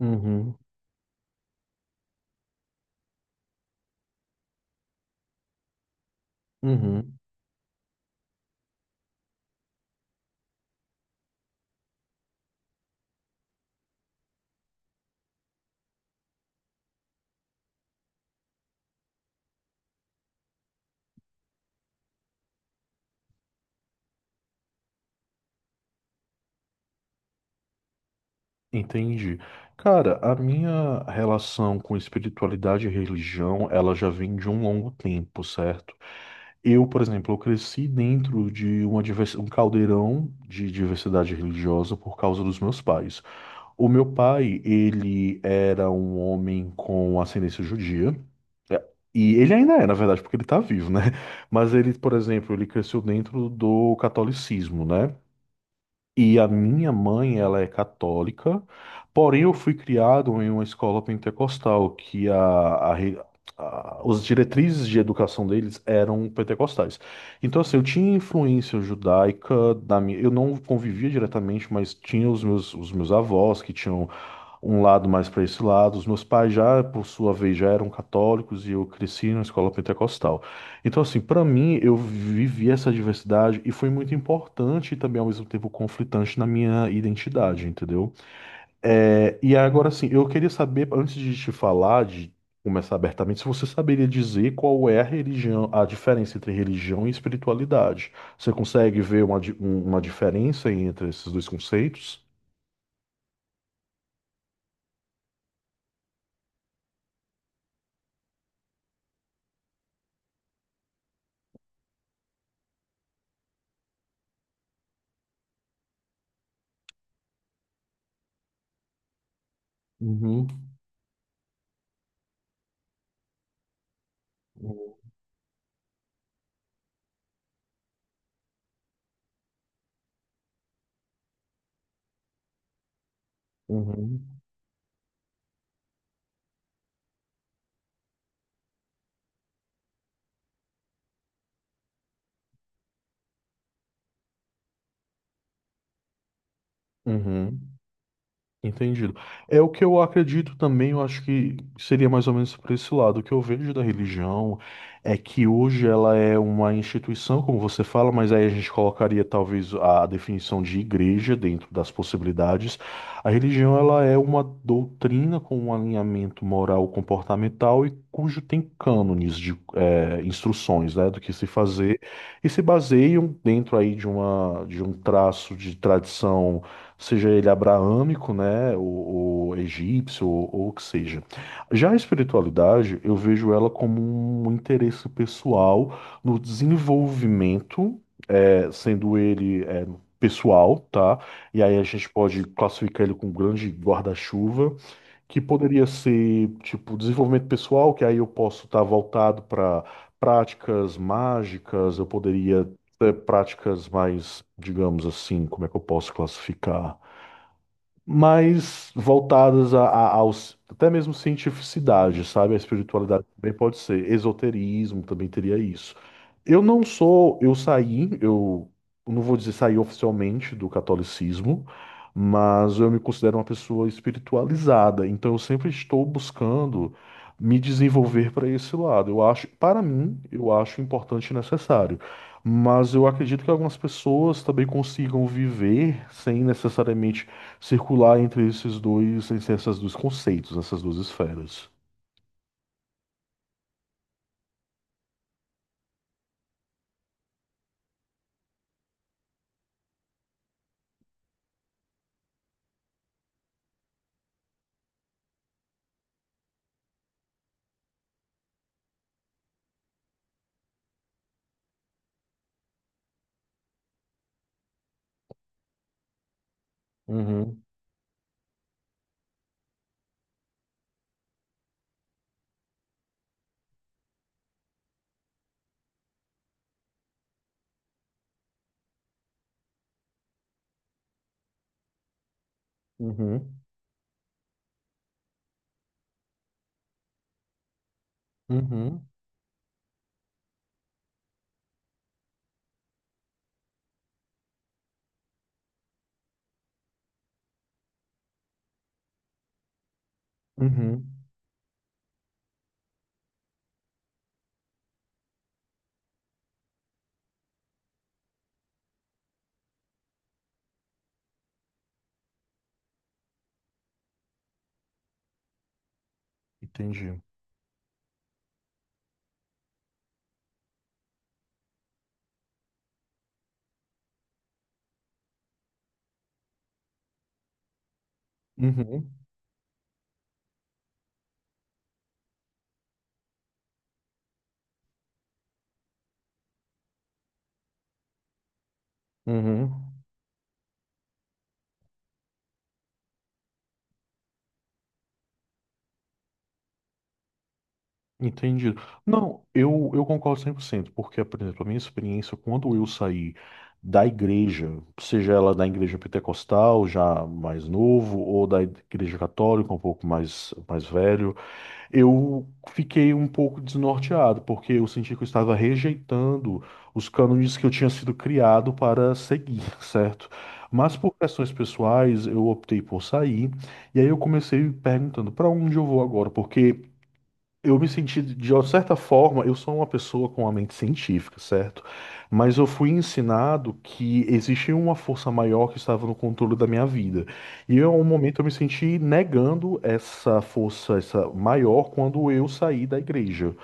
Uhum, uhum, entendi. Cara, a minha relação com espiritualidade e religião, ela já vem de um longo tempo, certo? Eu, por exemplo, eu cresci dentro de uma um caldeirão de diversidade religiosa por causa dos meus pais. O meu pai, ele era um homem com ascendência judia. É, E ele ainda é, na verdade, porque ele tá vivo, né? Mas ele, por exemplo, ele cresceu dentro do catolicismo, né? E a minha mãe, ela é católica, porém eu fui criado em uma escola pentecostal, que a, re- a- os diretrizes de educação deles eram pentecostais. Então, assim, eu tinha influência judaica da minha, eu não convivia diretamente, mas tinha os meus avós que tinham um lado mais para esse lado. Os meus pais já, por sua vez, já eram católicos e eu cresci na escola pentecostal. Então, assim, para mim, eu vivi essa diversidade e foi muito importante e também, ao mesmo tempo, conflitante na minha identidade, entendeu? E agora, assim, eu queria saber, antes de te falar, de começar abertamente, se você saberia dizer qual é a religião, a diferença entre religião e espiritualidade. Você consegue ver uma diferença entre esses dois conceitos? Uhum. Uhum. Uhum, entendido. É o que eu acredito também, eu acho que seria mais ou menos por esse lado. O que eu vejo da religião é que hoje ela é uma instituição, como você fala, mas aí a gente colocaria talvez a definição de igreja dentro das possibilidades. A religião ela é uma doutrina com um alinhamento moral comportamental e cujo tem cânones de instruções, né, do que se fazer e se baseiam dentro aí de um traço de tradição, seja ele abraâmico, né, ou egípcio, ou o que seja. Já a espiritualidade, eu vejo ela como um interesse pessoal no desenvolvimento, sendo ele pessoal, tá? E aí a gente pode classificar ele com um grande guarda-chuva, que poderia ser, tipo, desenvolvimento pessoal, que aí eu posso estar voltado para práticas mágicas, eu poderia ter práticas mais, digamos assim, como é que eu posso classificar? Mais voltadas aos até mesmo cientificidade, sabe? A espiritualidade também pode ser, esoterismo também teria isso. Eu não vou dizer saí oficialmente do catolicismo, mas eu me considero uma pessoa espiritualizada, então eu sempre estou buscando me desenvolver para esse lado. Para mim, eu acho importante e necessário. Mas eu acredito que algumas pessoas também consigam viver sem necessariamente circular entre esses dois conceitos, essas duas esferas. Uhum, uhum, uhum, uhum, entendi. Uhum, uhum. Entendi. Não, eu concordo 100% porque, por exemplo, a minha experiência, quando eu saí da igreja, seja ela da igreja pentecostal, já mais novo, ou da igreja católica, mais velho, eu fiquei um pouco desnorteado, porque eu senti que eu estava rejeitando os cânones que eu tinha sido criado para seguir, certo? Mas por questões pessoais, eu optei por sair, e aí eu comecei perguntando para onde eu vou agora, porque eu me senti, de uma certa forma, eu sou uma pessoa com a mente científica, certo? Mas eu fui ensinado que existia uma força maior que estava no controle da minha vida. E eu, em um momento eu me senti negando essa força, essa maior, quando eu saí da igreja.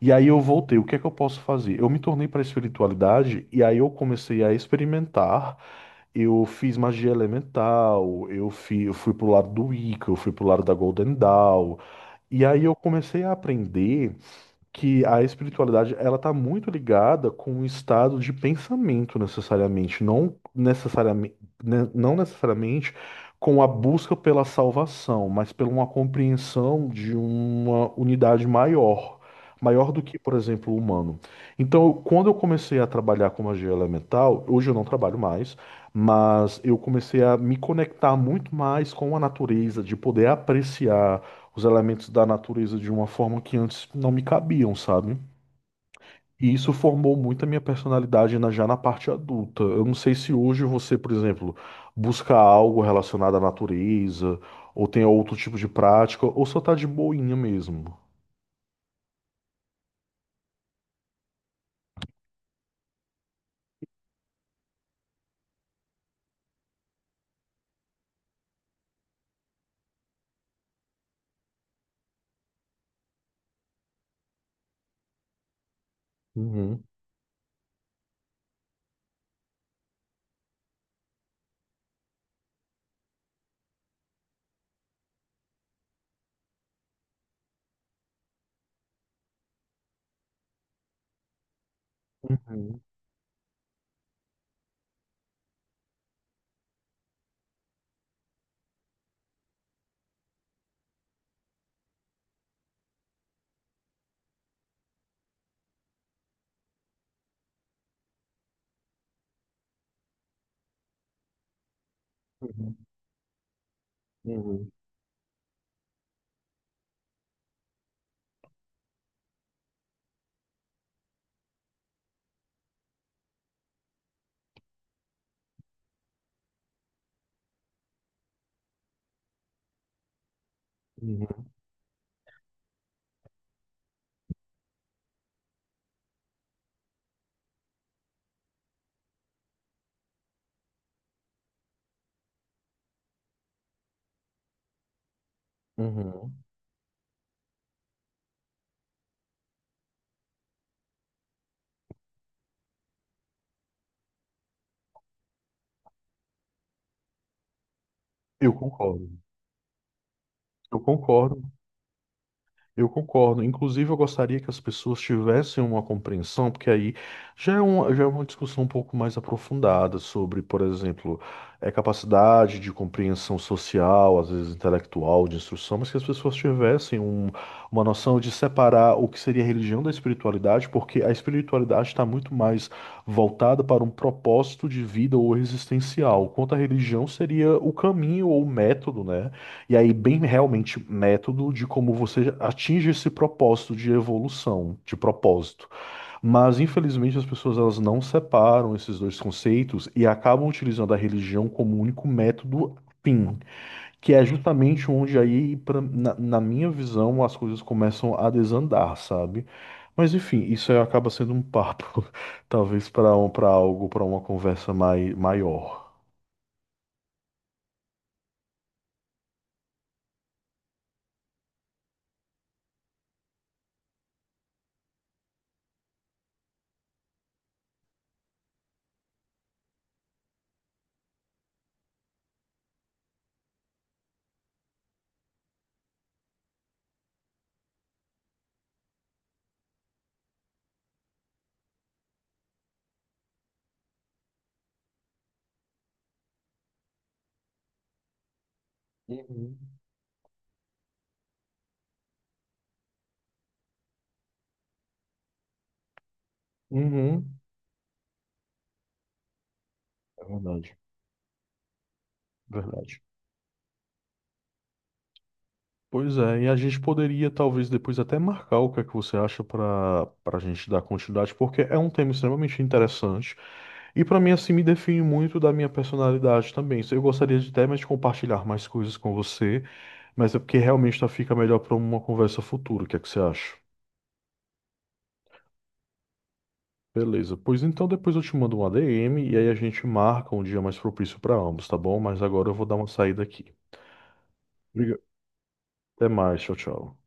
E aí eu voltei. O que é que eu posso fazer? Eu me tornei para a espiritualidade e aí eu comecei a experimentar. Eu fiz magia elemental, eu fui pro lado do Wicca, eu fui pro lado da Golden Dawn. E aí eu comecei a aprender que a espiritualidade ela está muito ligada com o estado de pensamento não necessariamente com a busca pela salvação, mas pela uma compreensão de uma unidade maior, maior do que, por exemplo, o humano. Então, quando eu comecei a trabalhar com magia elemental, hoje eu não trabalho mais, mas eu comecei a me conectar muito mais com a natureza, de poder apreciar os elementos da natureza de uma forma que antes não me cabiam, sabe? E isso formou muito a minha personalidade já na parte adulta. Eu não sei se hoje você, por exemplo, busca algo relacionado à natureza, ou tem outro tipo de prática, ou só tá de boinha mesmo. Uhum, uhum, uhum, uhum, uhum, uhum. Eu concordo. Eu concordo. Eu concordo. Inclusive, eu gostaria que as pessoas tivessem uma compreensão, porque aí já é uma discussão um pouco mais aprofundada sobre, por exemplo, é capacidade de compreensão social, às vezes intelectual, de instrução, mas que as pessoas tivessem uma noção de separar o que seria a religião da espiritualidade, porque a espiritualidade está muito mais voltada para um propósito de vida ou existencial, enquanto a religião seria o caminho ou o método, né? E aí, bem realmente método de como você atinge esse propósito de evolução, de propósito. Mas, infelizmente, as pessoas elas não separam esses dois conceitos e acabam utilizando a religião como um único método fim, que é justamente onde aí, na minha visão, as coisas começam a desandar, sabe? Mas, enfim, isso aí acaba sendo um papo, talvez para algo, para uma conversa maior. Uhum. Uhum. É verdade, verdade. Pois é, e a gente poderia talvez depois até marcar o que é que você acha para a gente dar continuidade, porque é um tema extremamente interessante e para mim assim me define muito da minha personalidade também. Eu gostaria de até mais compartilhar mais coisas com você, mas é porque realmente fica melhor para uma conversa futura. O que é que você acha? Beleza, pois então depois eu te mando um ADM e aí a gente marca um dia mais propício para ambos, tá bom? Mas agora eu vou dar uma saída aqui. Obrigado. Até mais, tchau, tchau.